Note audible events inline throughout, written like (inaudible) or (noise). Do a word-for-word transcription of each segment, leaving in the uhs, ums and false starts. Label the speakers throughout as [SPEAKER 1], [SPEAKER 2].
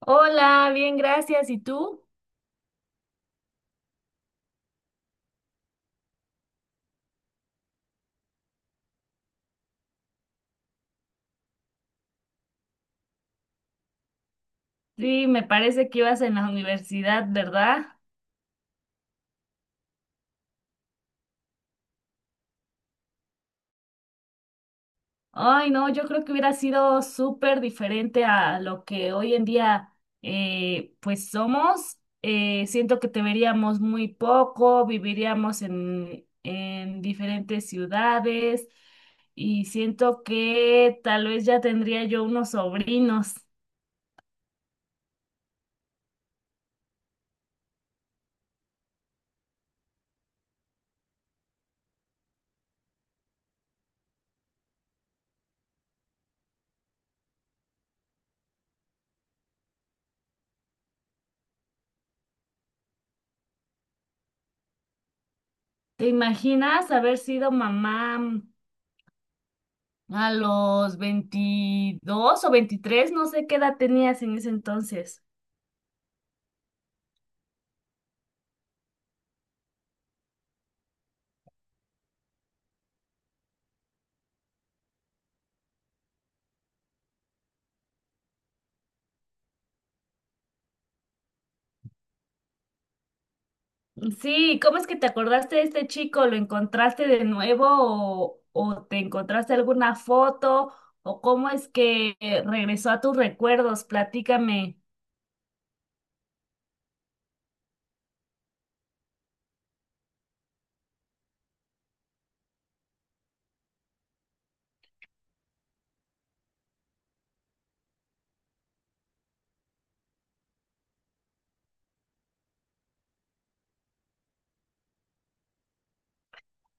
[SPEAKER 1] Hola, bien, gracias. ¿Y tú? Sí, me parece que ibas en la universidad, ¿verdad? Ay, no, yo creo que hubiera sido súper diferente a lo que hoy en día eh, pues somos. Eh, siento que te veríamos muy poco, viviríamos en, en diferentes ciudades y siento que tal vez ya tendría yo unos sobrinos. ¿Te imaginas haber sido mamá? A los veintidós o veintitrés no sé qué edad tenías en ese entonces. Sí, ¿cómo es que te acordaste de este chico? ¿Lo encontraste de nuevo o, o te encontraste alguna foto? ¿O cómo es que eh, regresó a tus recuerdos? Platícame.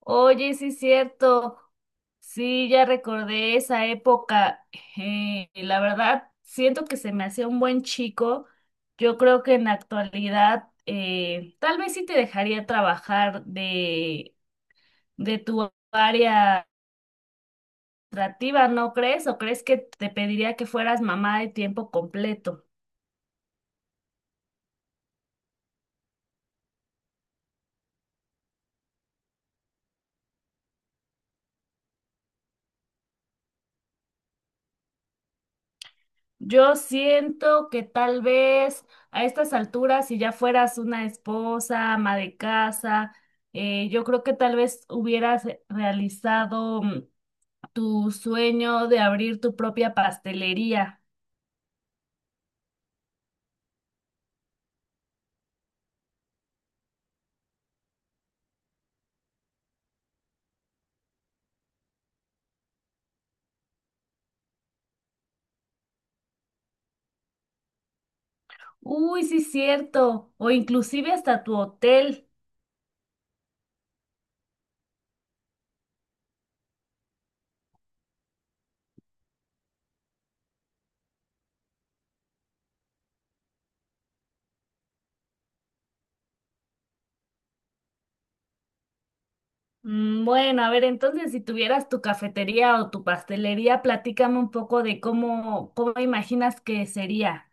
[SPEAKER 1] Oye, sí es cierto. Sí, ya recordé esa época. Eh, la verdad, siento que se me hacía un buen chico. Yo creo que en la actualidad eh, tal vez sí te dejaría trabajar de, de tu área administrativa, ¿no crees? ¿O crees que te pediría que fueras mamá de tiempo completo? Yo siento que tal vez a estas alturas, si ya fueras una esposa, ama de casa, eh, yo creo que tal vez hubieras realizado mm, tu sueño de abrir tu propia pastelería. Uy, sí, cierto. O inclusive hasta tu hotel. Mm, Bueno, a ver, entonces si tuvieras tu cafetería o tu pastelería, platícame un poco de cómo, cómo imaginas que sería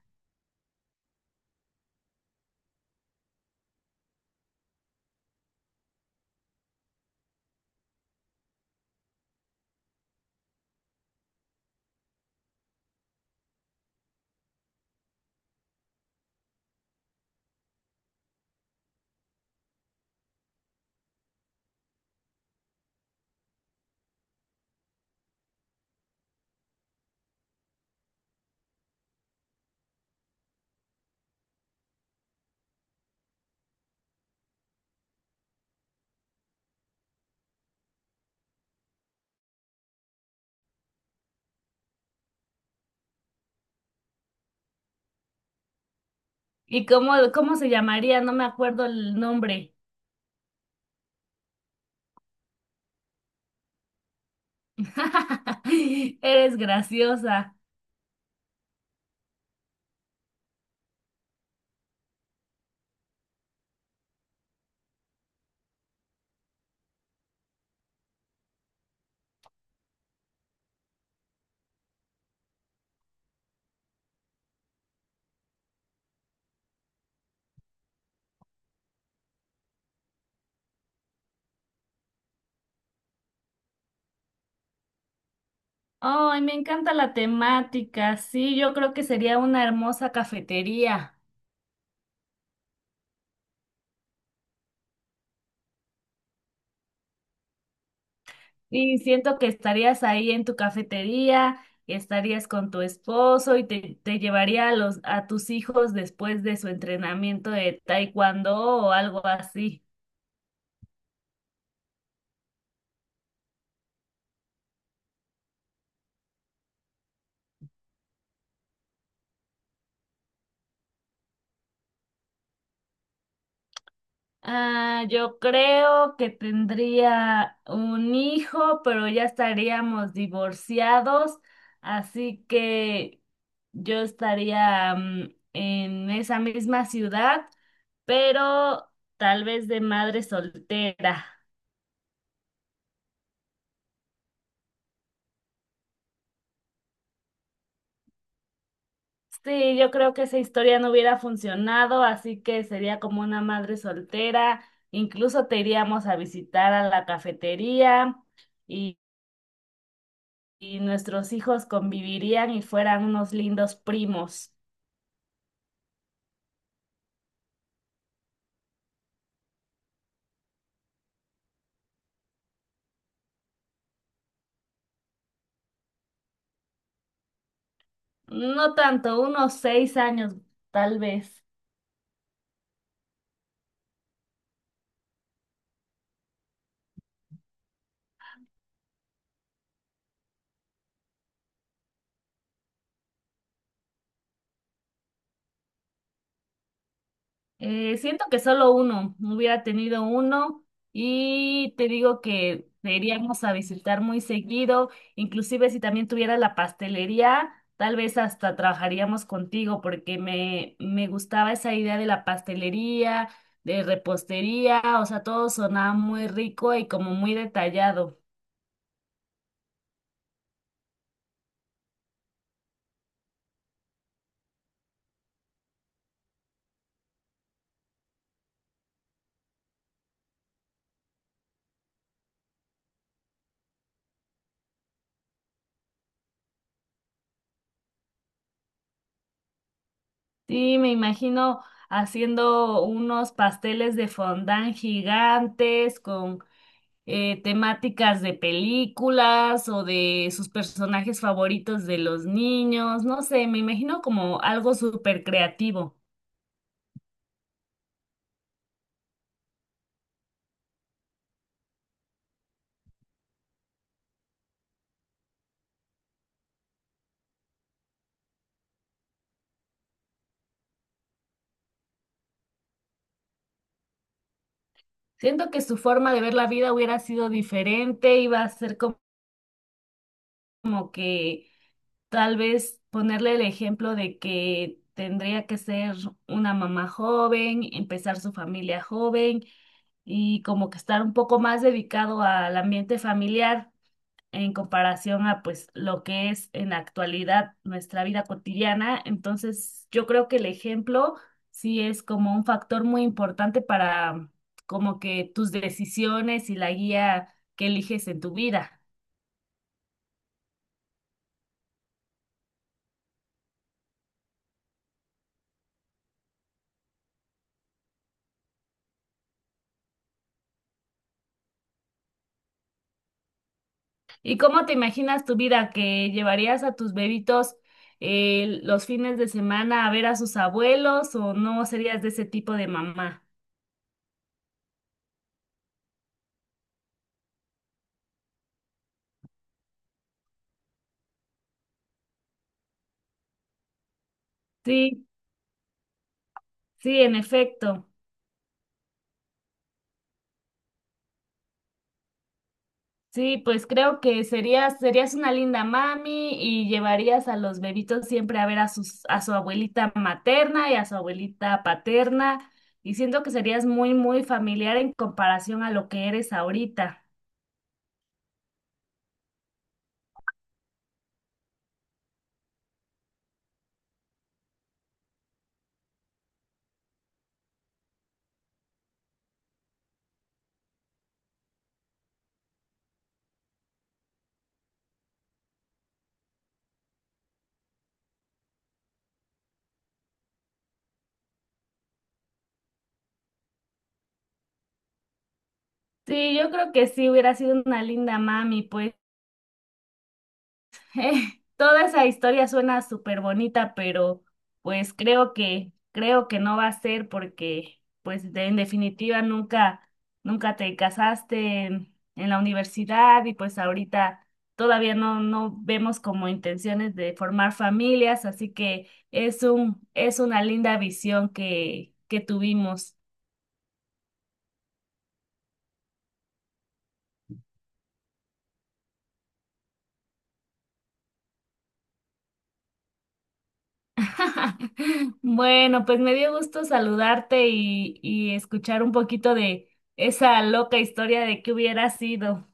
[SPEAKER 1] y cómo, cómo se llamaría, no me acuerdo el nombre. (laughs) Eres graciosa. Ay, me encanta la temática. Sí, yo creo que sería una hermosa cafetería. Y siento que estarías ahí en tu cafetería, estarías con tu esposo y te, te llevaría a los, a tus hijos después de su entrenamiento de taekwondo o algo así. Ah, yo creo que tendría un hijo, pero ya estaríamos divorciados, así que yo estaría mm, en esa misma ciudad, pero tal vez de madre soltera. Sí, yo creo que esa historia no hubiera funcionado, así que sería como una madre soltera. Incluso te iríamos a visitar a la cafetería y nuestros hijos convivirían y fueran unos lindos primos. No tanto, unos seis años, tal vez. Eh, siento que solo uno, hubiera tenido uno y te digo que te iríamos a visitar muy seguido, inclusive si también tuviera la pastelería, tal vez hasta trabajaríamos contigo porque me, me gustaba esa idea de la pastelería, de repostería, o sea, todo sonaba muy rico y como muy detallado. Sí, me imagino haciendo unos pasteles de fondant gigantes con eh, temáticas de películas o de sus personajes favoritos de los niños. No sé, me imagino como algo súper creativo. Siento que su forma de ver la vida hubiera sido diferente, iba a ser como, como que tal vez ponerle el ejemplo de que tendría que ser una mamá joven, empezar su familia joven y como que estar un poco más dedicado al ambiente familiar en comparación a pues lo que es en la actualidad nuestra vida cotidiana. Entonces, yo creo que el ejemplo sí es como un factor muy importante para como que tus decisiones y la guía que eliges en tu vida. ¿Y cómo te imaginas tu vida que llevarías a tus bebitos eh, los fines de semana a ver a sus abuelos o no serías de ese tipo de mamá? Sí, sí, en efecto. Sí, pues creo que serías, serías una linda mami y llevarías a los bebitos siempre a ver a sus, a su abuelita materna y a su abuelita paterna. Y siento que serías muy, muy familiar en comparación a lo que eres ahorita. Sí, yo creo que sí hubiera sido una linda mami, pues. (laughs) Eh, Toda esa historia suena súper bonita, pero pues creo que, creo que no va a ser porque, pues de- en definitiva nunca, nunca te casaste en, en la universidad y pues ahorita todavía no, no vemos como intenciones de formar familias, así que es un, es una linda visión que, que tuvimos. (laughs) Bueno, pues me dio gusto saludarte y, y escuchar un poquito de esa loca historia de que hubiera sido.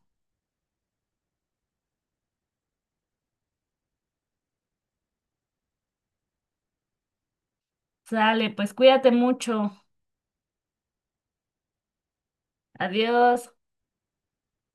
[SPEAKER 1] Sale, pues cuídate mucho. Adiós.